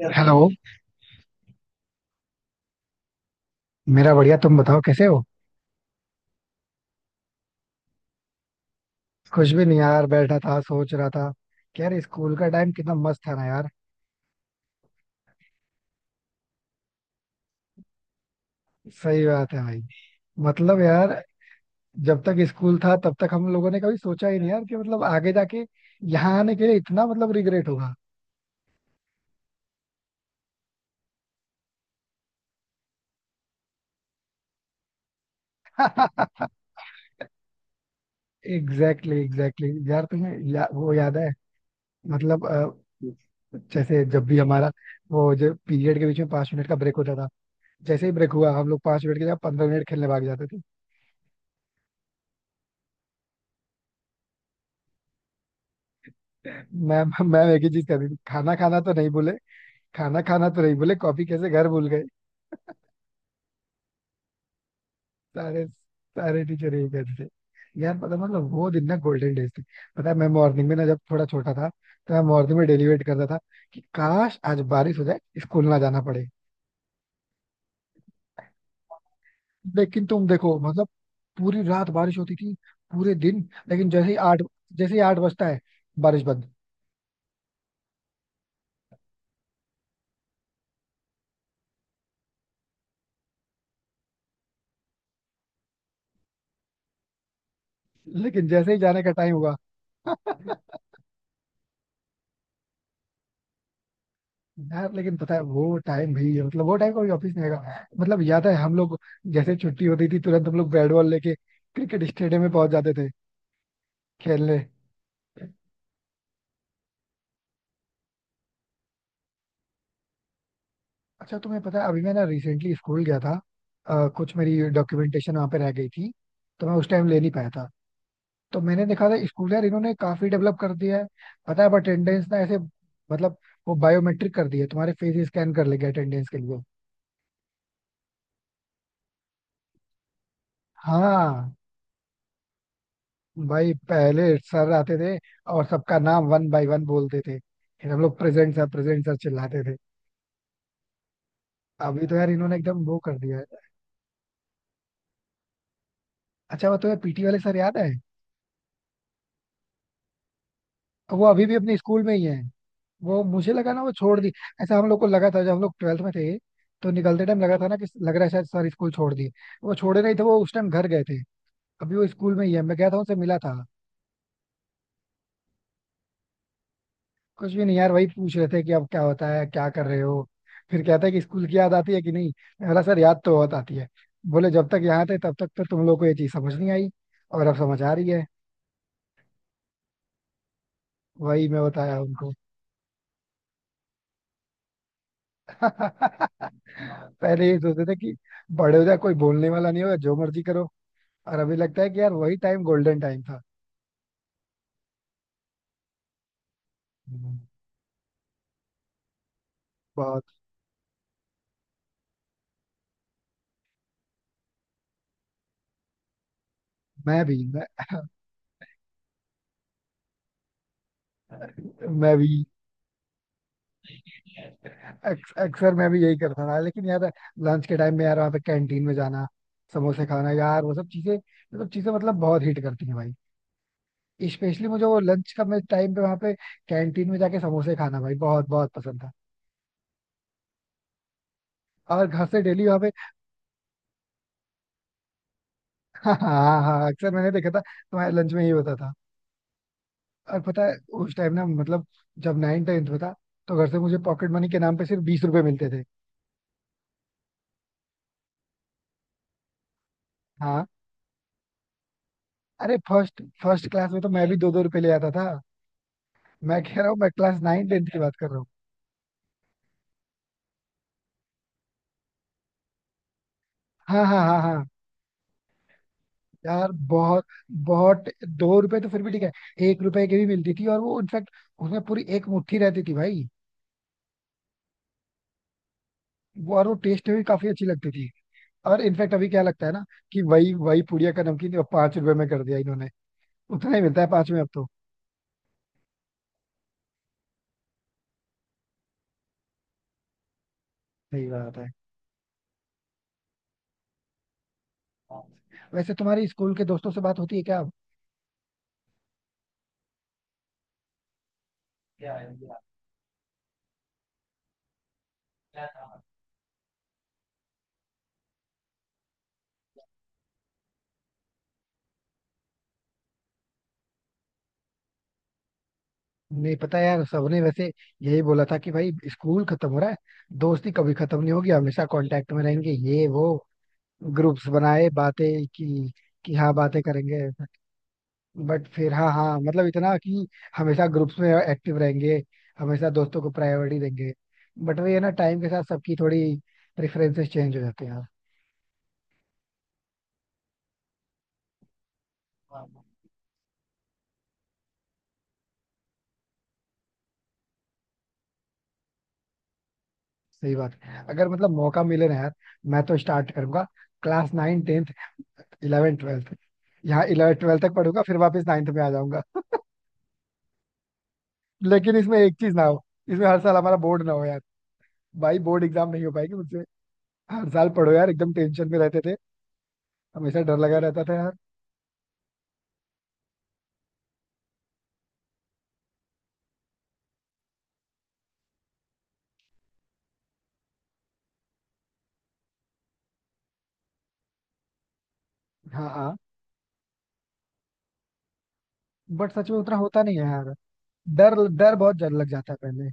यार हेलो। मेरा बढ़िया, तुम बताओ कैसे हो? कुछ भी नहीं यार, बैठा था, सोच रहा था कि यार स्कूल का टाइम कितना मस्त था ना यार। सही बात है भाई। मतलब यार, जब तक स्कूल था तब तक हम लोगों ने कभी सोचा ही नहीं यार कि मतलब आगे जाके यहाँ आने के लिए इतना मतलब रिग्रेट होगा। एग्जैक्टली एग्जैक्टली यार, तुम्हें वो याद है? मतलब जैसे जब भी हमारा वो जो पीरियड के बीच में 5 मिनट का ब्रेक होता था, जैसे ही ब्रेक हुआ हम लोग 5 मिनट के जगह 15 मिनट खेलने भाग जाते। मैम मैम एक ही चीज कर रही थी, खाना खाना तो नहीं बोले। खाना खाना तो नहीं बोले, कॉफी कैसे घर भूल गए। सारे सारे टीचर यही कहते थे। यार पता मतलब वो दिन ना गोल्डन डेज थे। पता है मैं मॉर्निंग में ना, जब थोड़ा छोटा था, तो मैं मॉर्निंग में डेली वेट करता था कि काश आज बारिश हो जाए, स्कूल ना जाना पड़े। लेकिन तुम देखो मतलब, पूरी रात बारिश होती थी, पूरे दिन, लेकिन जैसे ही 8, जैसे ही आठ बजता है बारिश बंद। लेकिन जैसे ही जाने का टाइम हुआ। यार लेकिन पता है वो टाइम भी है, मतलब वो टाइम कभी ऑफिस नहीं आएगा। मतलब याद है हम लोग जैसे छुट्टी होती थी तुरंत हम लोग बैट बॉल लेके क्रिकेट स्टेडियम में पहुंच जाते थे खेलने। अच्छा तुम्हें पता है अभी मैं ना रिसेंटली स्कूल गया था, कुछ मेरी डॉक्यूमेंटेशन वहाँ पे रह गई थी तो मैं उस टाइम ले नहीं पाया था। तो मैंने देखा था स्कूल, यार इन्होंने काफी डेवलप कर दिया है। पता है अब अटेंडेंस ना ऐसे, मतलब वो बायोमेट्रिक कर दी है, तुम्हारे फेस स्कैन कर लेंगे अटेंडेंस के लिए। हाँ। भाई पहले सर आते थे और सबका नाम वन बाय वन बोलते थे, फिर हम लोग प्रेजेंट सर चिल्लाते थे। अभी तो यार इन्होंने एकदम वो कर दिया है। अच्छा वो तो यार पीटी वाले सर याद है? वो अभी भी अपने स्कूल में ही है। वो मुझे लगा ना वो छोड़ दी। ऐसा हम लोग को लगा था जब हम लोग ट्वेल्थ में थे, तो निकलते टाइम लगा था ना, कि लग रहा है शायद सर स्कूल छोड़ दिए। वो छोड़े नहीं थे, वो उस टाइम घर गए थे। अभी वो स्कूल में ही है, मैं गया था उनसे मिला था। कुछ भी नहीं यार, वही पूछ रहे थे कि अब क्या होता है, क्या कर रहे हो। फिर कहता है कि स्कूल की याद आती है कि नहीं। मैं बोला सर याद तो बहुत आती है। बोले जब तक यहाँ थे तब तक तो तुम लोग को ये चीज समझ नहीं आई, और अब समझ आ रही है। वही मैं बताया उनको। पहले ये सोचते थे कि बड़े हो जाए कोई बोलने वाला नहीं होगा, जो मर्जी करो। और अभी लगता है कि यार वही टाइम गोल्डन टाइम था। हम्म। बहुत। मैं भी मैं, मैं भी अक्सर मैं भी यही करता था, लेकिन यार लंच के टाइम में यार वहाँ पे कैंटीन में जाना, समोसे खाना यार वो सब चीजें, वो सब चीजें मतलब बहुत हिट करती हैं भाई। स्पेशली मुझे वो लंच का, मैं टाइम पे वहाँ पे कैंटीन में जाके समोसे खाना भाई बहुत बहुत पसंद था। और घर से डेली वहाँ पे। हाँ हाँ हाँ, अक्सर मैंने देखा था तुम्हारे लंच में ये होता था। और पता है उस टाइम ना, मतलब जब नाइन टेंथ में था, तो घर से मुझे पॉकेट मनी के नाम पे सिर्फ 20 रुपए मिलते थे। हाँ। अरे फर्स्ट फर्स्ट क्लास में तो मैं भी दो दो रुपए ले आता था। मैं कह रहा हूँ मैं क्लास नाइन टेंथ की बात कर रहा हूँ। हाँ हाँ हाँ हाँ। यार बहुत बहुत। दो रुपए तो फिर भी ठीक है, 1 रुपए की भी मिलती थी, और वो इनफैक्ट उसमें पूरी एक मुट्ठी रहती थी भाई। वो, और वो टेस्ट भी काफी अच्छी लगती थी। और इनफैक्ट अभी क्या लगता है ना कि वही वही पुड़िया का नमकीन अब 5 रुपए में कर दिया इन्होंने। उतना ही मिलता है पांच में अब तो। सही बात है। वैसे तुम्हारी स्कूल के दोस्तों से बात होती है क्या अब? नहीं पता यार, सबने वैसे यही बोला था कि भाई स्कूल खत्म हो रहा है, दोस्ती कभी खत्म नहीं होगी, हमेशा कांटेक्ट में रहेंगे, ये वो, ग्रुप्स बनाए, बातें की कि हाँ बातें करेंगे, बट फिर हाँ हाँ मतलब इतना कि हमेशा ग्रुप्स में एक्टिव रहेंगे, हमेशा दोस्तों को प्रायोरिटी देंगे। बट वही है ना, टाइम के साथ सबकी थोड़ी प्रेफरेंसेस चेंज हो जाती हैं यार। सही बात है, अगर मतलब मौका मिले ना यार, मैं तो स्टार्ट करूंगा class nine tenth, eleven twelfth. यहाँ इलेवन ट्वेल्थ तक पढ़ूंगा फिर वापस नाइन्थ में आ जाऊंगा। लेकिन इसमें एक चीज ना हो, इसमें हर साल हमारा बोर्ड ना हो यार, भाई बोर्ड एग्जाम नहीं हो पाएगी मुझसे। हर साल पढ़ो यार, एकदम टेंशन में रहते थे। हमेशा डर लगा रहता था यार। हाँ हाँ, बट सच में उतना होता नहीं है यार। डर डर बहुत डर लग जाता है पहले।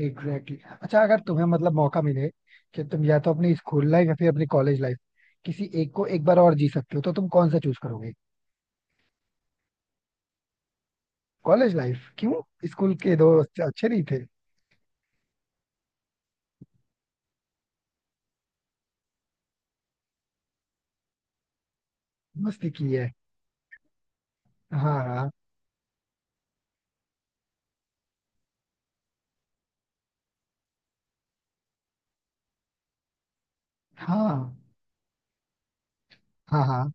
Exactly exactly। अच्छा अगर तुम्हें मतलब मौका मिले कि तुम या तो अपनी स्कूल लाइफ या फिर अपनी कॉलेज लाइफ, किसी एक को एक बार और जी सकते हो, तो तुम कौन सा चूज करोगे? कॉलेज लाइफ क्यों, स्कूल के दोस्त अच्छे नहीं थे? मस्ती की है। हाँ हाँ। हाँ हाँ हाँ।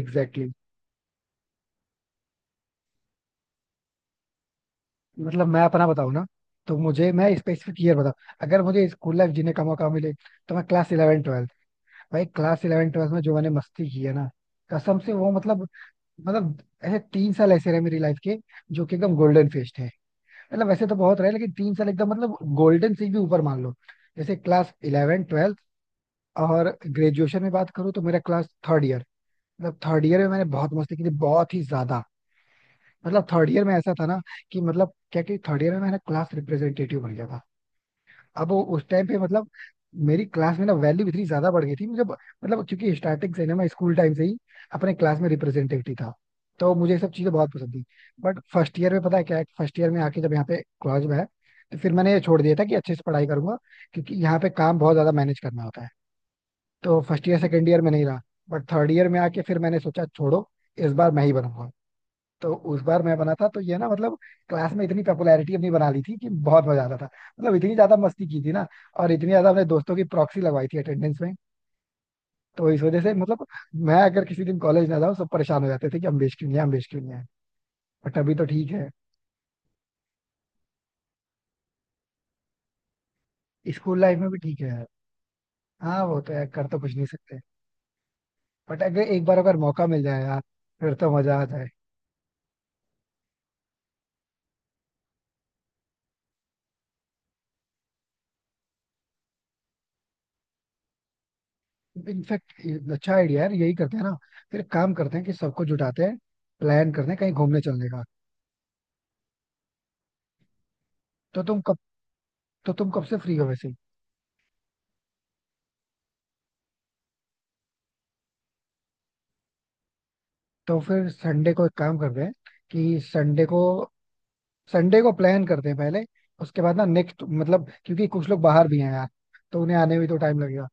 Exactly exactly। मतलब मैं अपना बताऊँ ना, तो मुझे, मैं स्पेसिफिक ईयर बताऊँ। अगर मुझे स्कूल लाइफ जीने का मौका मिले तो मैं क्लास इलेवन, भाई क्लास इलेवन ट्वेल्थ में जो मैंने मस्ती की है ना, कसम से वो मतलब ऐसे 3 साल ऐसे रहे मेरी लाइफ के, जो कि एकदम गोल्डन फेस्ट है। मतलब वैसे तो बहुत रहे लेकिन 3 साल एकदम मतलब गोल्डन से भी ऊपर मान लो, जैसे क्लास इलेवन ट्वेल्थ। और ग्रेजुएशन में बात करूँ तो मेरा क्लास थर्ड ईयर। मतलब थर्ड ईयर में मैंने बहुत मस्ती की थी, बहुत ही ज्यादा। मतलब थर्ड ईयर में ऐसा था ना कि मतलब क्या, कि थर्ड ईयर में मैंने क्लास रिप्रेजेंटेटिव बन गया था। अब वो उस टाइम पे मतलब मेरी क्लास में ना वैल्यू इतनी ज्यादा बढ़ गई थी। मतलब क्योंकि स्टार्टिंग से ना मैं स्कूल टाइम से ही अपने क्लास में रिप्रेजेंटेटिव था, तो मुझे ये सब चीजें बहुत पसंद थी। बट फर्स्ट ईयर में पता है क्या है, फर्स्ट ईयर में आके जब यहाँ पे कॉलेज में है, तो फिर मैंने ये छोड़ दिया था कि अच्छे से पढ़ाई करूंगा, क्योंकि यहाँ पे काम बहुत ज्यादा मैनेज करना होता है। तो फर्स्ट ईयर सेकेंड ईयर में नहीं रहा। बट थर्ड ईयर में आके फिर मैंने सोचा छोड़ो, इस बार मैं ही बनूंगा। तो उस बार मैं बना था, तो ये ना मतलब क्लास में इतनी पॉपुलैरिटी अपनी बना ली थी कि बहुत मजा आता था। मतलब इतनी ज्यादा मस्ती की थी ना, और इतनी ज्यादा अपने दोस्तों की प्रॉक्सी लगवाई थी अटेंडेंस में। तो इस वजह से मतलब मैं अगर किसी दिन कॉलेज ना जाऊँ सब परेशान हो जाते थे कि अमलेश क्यों नहीं है, अमलेश क्यों नहीं है। बट अभी तो ठीक है, स्कूल लाइफ में भी ठीक है यार। हाँ वो तो यार, कर तो कुछ नहीं सकते। बट अगर एक बार अगर मौका मिल जाए यार, फिर तो मजा आ जाए। इनफैक्ट अच्छा आइडिया यार, यही करते हैं ना, फिर काम करते हैं कि सबको जुटाते हैं, प्लान करते हैं कहीं घूमने चलने का। तो तुम तो तुम कब से फ्री हो वैसे? तो फिर संडे को एक काम करते हैं कि संडे को प्लान करते हैं पहले, उसके बाद ना नेक्स्ट मतलब क्योंकि कुछ लोग बाहर भी हैं यार, तो उन्हें आने में भी तो टाइम लगेगा।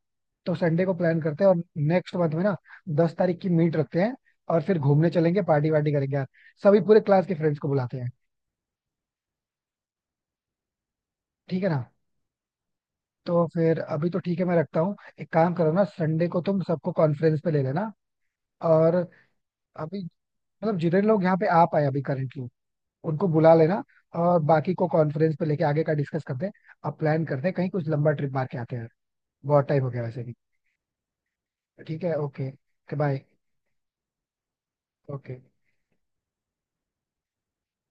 तो संडे को प्लान करते हैं और नेक्स्ट मंथ में ना 10 तारीख की मीट रखते हैं, और फिर घूमने चलेंगे, पार्टी वार्टी करेंगे यार। सभी पूरे क्लास के फ्रेंड्स को बुलाते हैं, ठीक है ना? तो फिर अभी तो ठीक है, मैं रखता हूँ। एक काम करो ना, संडे को तुम सबको कॉन्फ्रेंस पे ले लेना, और अभी मतलब जितने लोग यहाँ पे आ पाए अभी करेंटली उनको बुला लेना, और बाकी को कॉन्फ्रेंस पे लेके आगे का डिस्कस करते हैं। अब प्लान करते हैं कहीं कुछ लंबा ट्रिप मार के आते हैं, बहुत टाइम हो गया वैसे भी। ठीक है, ओके। बाय। ओके।